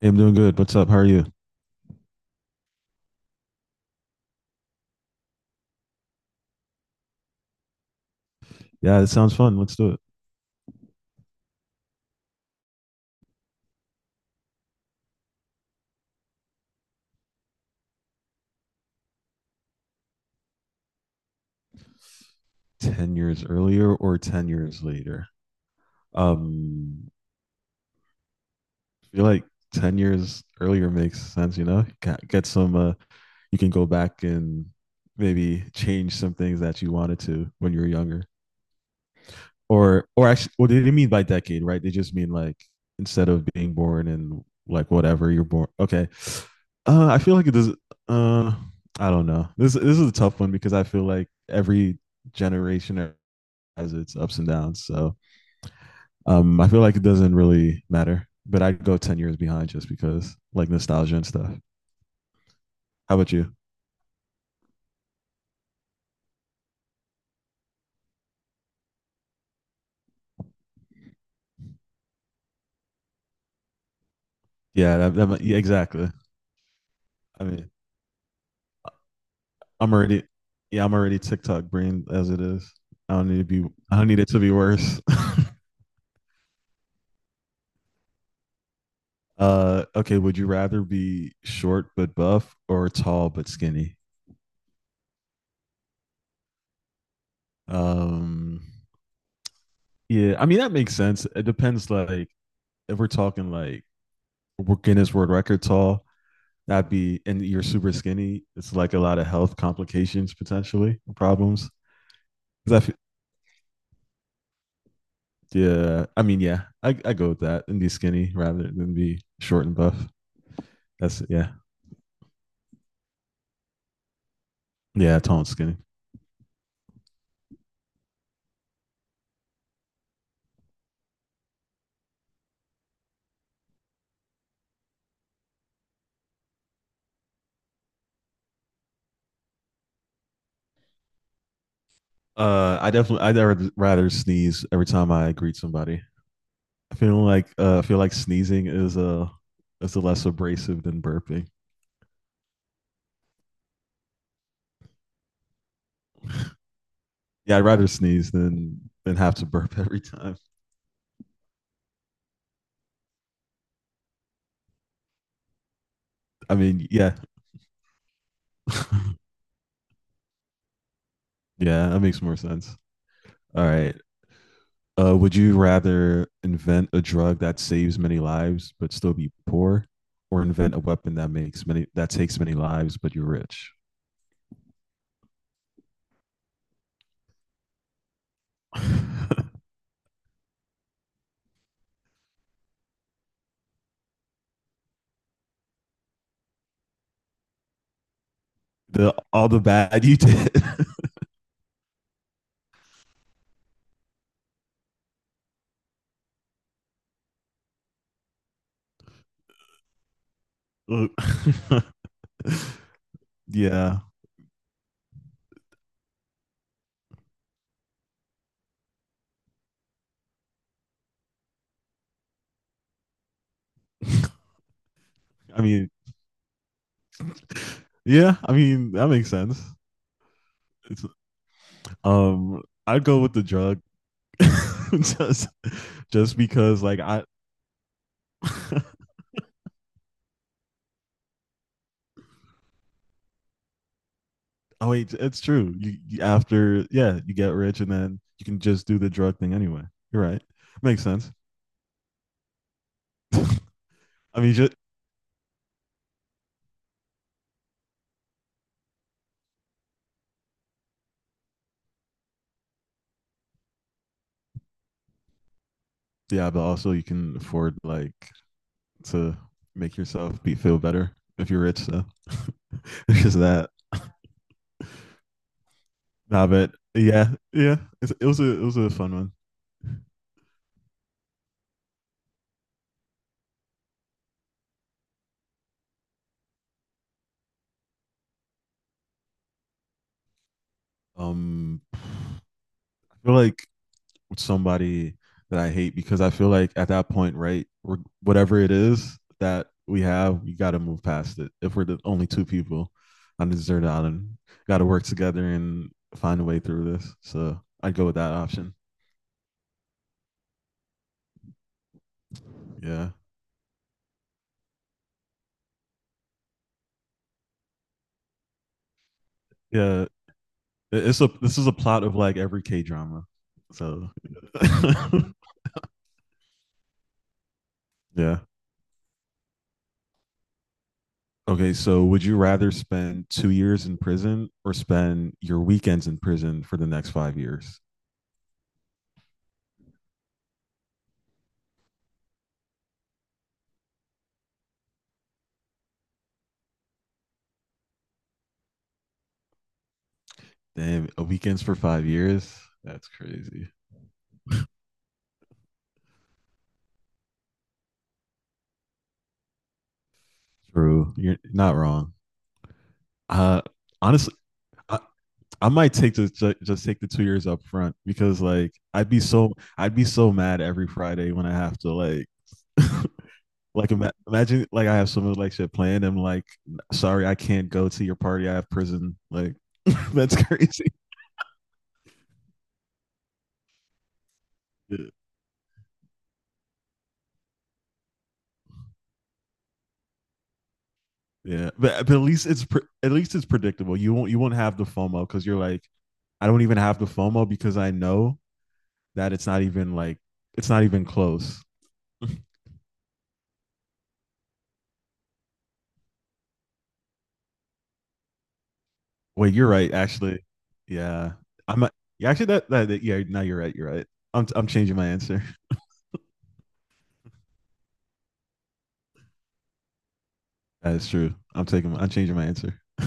Hey, I'm doing good. What's up? How are you? Yeah, it sounds fun. Let's do it. 10 years earlier or 10 years later? Um, I feel like 10 years earlier makes sense, you know? Get some, you can go back and maybe change some things that you wanted to when you were younger. Or actually, what they didn't mean by decade, right? They just mean like instead of being born in like whatever you're born. Okay. I feel like it does. Uh, I don't know. This is a tough one because I feel like every generation has its ups and downs. So I feel like it doesn't really matter. But I'd go 10 years behind just because like nostalgia and stuff. How about you? Yeah, yeah, exactly. I mean, I'm already, yeah, I'm already TikTok brain as it is. I don't need it to be worse. Okay, would you rather be short but buff or tall but skinny? Um, yeah, I mean that makes sense. It depends. Like, if we're talking like we're Guinness World Record tall, that be, and you're super skinny. It's like a lot of health complications potentially, problems. 'Cause I f- yeah, I mean, yeah, I go with that and be skinny rather than be short and buff. That's yeah, yeah, tall and skinny. I definitely I'd rather sneeze every time I greet somebody. I feel like sneezing is a less abrasive than burping. Yeah, I'd rather sneeze than have to burp every time. I mean, yeah. Yeah, that makes more sense. All right. Would you rather invent a drug that saves many lives but still be poor, or invent a weapon that makes many that takes many lives but you're rich? The all the bad you did. Look. Yeah, I mean, yeah, I mean that makes sense. It's, I'd go with the drug just because like I. Oh wait, it's true. After yeah, you get rich and then you can just do the drug thing anyway. You're right. Makes sense. I mean, ju- yeah, but also you can afford like to make yourself be feel better if you're rich. So it's just that. Nah, but yeah, yeah. It's, it was a fun one. I feel like somebody that I hate because I feel like at that point, right, we're, whatever it is that we have, we got to move past it. If we're the only two people on the desert island, got to work together and find a way through this. So I'd go with that option. Yeah, yeah. It's a this is a plot of like every K drama. So yeah. Okay, so would you rather spend 2 years in prison or spend your weekends in prison for the next 5 years? Damn, a weekends for 5 years. That's crazy. True. You're not wrong. Uh, honestly, I, I might take just take the 2 years up front because like I'd be so mad every Friday when I have to like like imagine like I have some like shit planned. I'm like, sorry, I can't go to your party. I have prison. Like that's crazy. Yeah, but at least at least it's predictable. You won't have the FOMO because you're like, I don't even have the FOMO because I know that it's not even like it's not even close. Wait, you're right. Actually, yeah, I'm. Not- yeah, actually, yeah. Now you're right. You're right. I'm changing my answer. That is true. I'm taking. I'm changing my answer.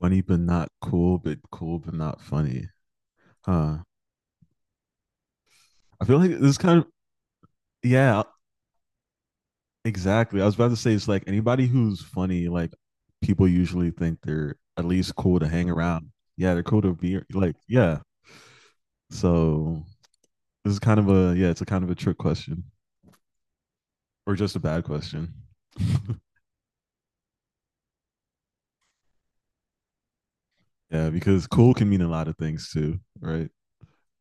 Funny but not cool, but cool but not funny. Huh. I feel like this is kind of yeah. Exactly. I was about to say it's like anybody who's funny, like people usually think they're at least cool to hang around. Yeah, they're cool to be like yeah. So this is kind of a yeah. It's a kind of a trick question. Or just a bad question. Yeah, because cool can mean a lot of things too, right?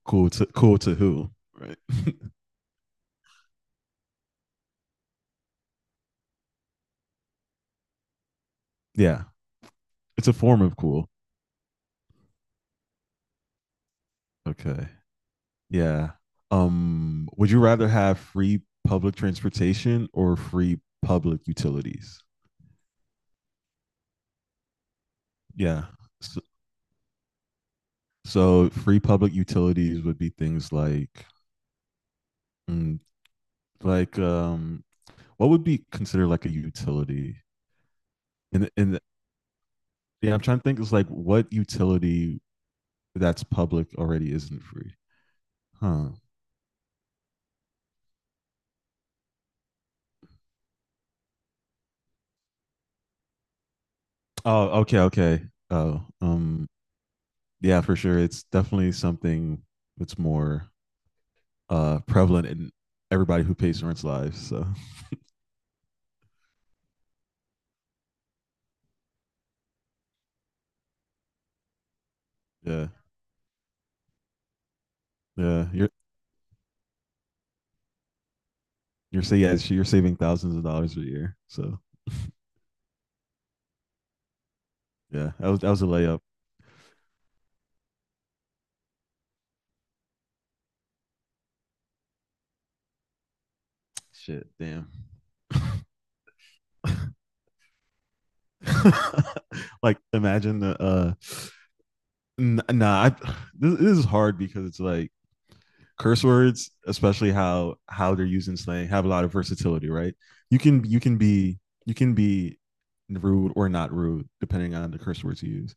Cool to cool to who, right? Yeah, it's a form of cool. Okay. Yeah. Would you rather have free public transportation or free public utilities? Yeah. So, so free public utilities would be things like mm, like what would be considered like a utility? And yeah, I'm trying to think it's like what utility that's public already isn't free. Huh. Oh, okay, okay. Oh, yeah, for sure. It's definitely something that's more prevalent in everybody who pays rent's lives. So yeah, yeah. You're saying yeah, so you're saving thousands of dollars a year. So yeah, that was a layup. Shit, damn. Like imagine the nah, this is hard because it's like curse words, especially how they're used in slang, have a lot of versatility, right? You can be you can be rude or not rude depending on the curse words you use.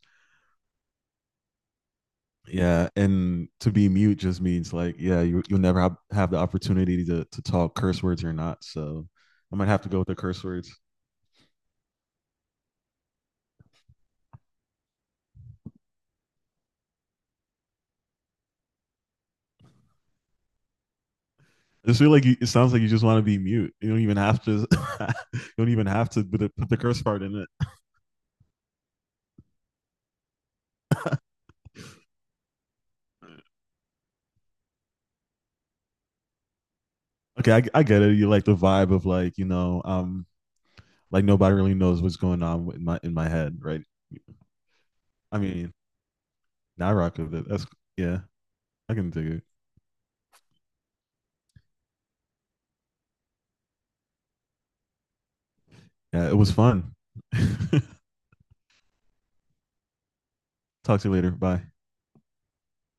Yeah, and to be mute just means like yeah, you'll never have the opportunity to talk curse words or not. So I might have to go with the curse words. I just feel like you, it sounds like you just want to be mute. You don't even have to. You don't even have to put put the curse part in it. Okay, I get it. You like the vibe of like you know, like nobody really knows what's going on with my head, right? I mean, I rock with it. That's yeah, I can dig it. Yeah, it was fun. Talk to you later. Bye.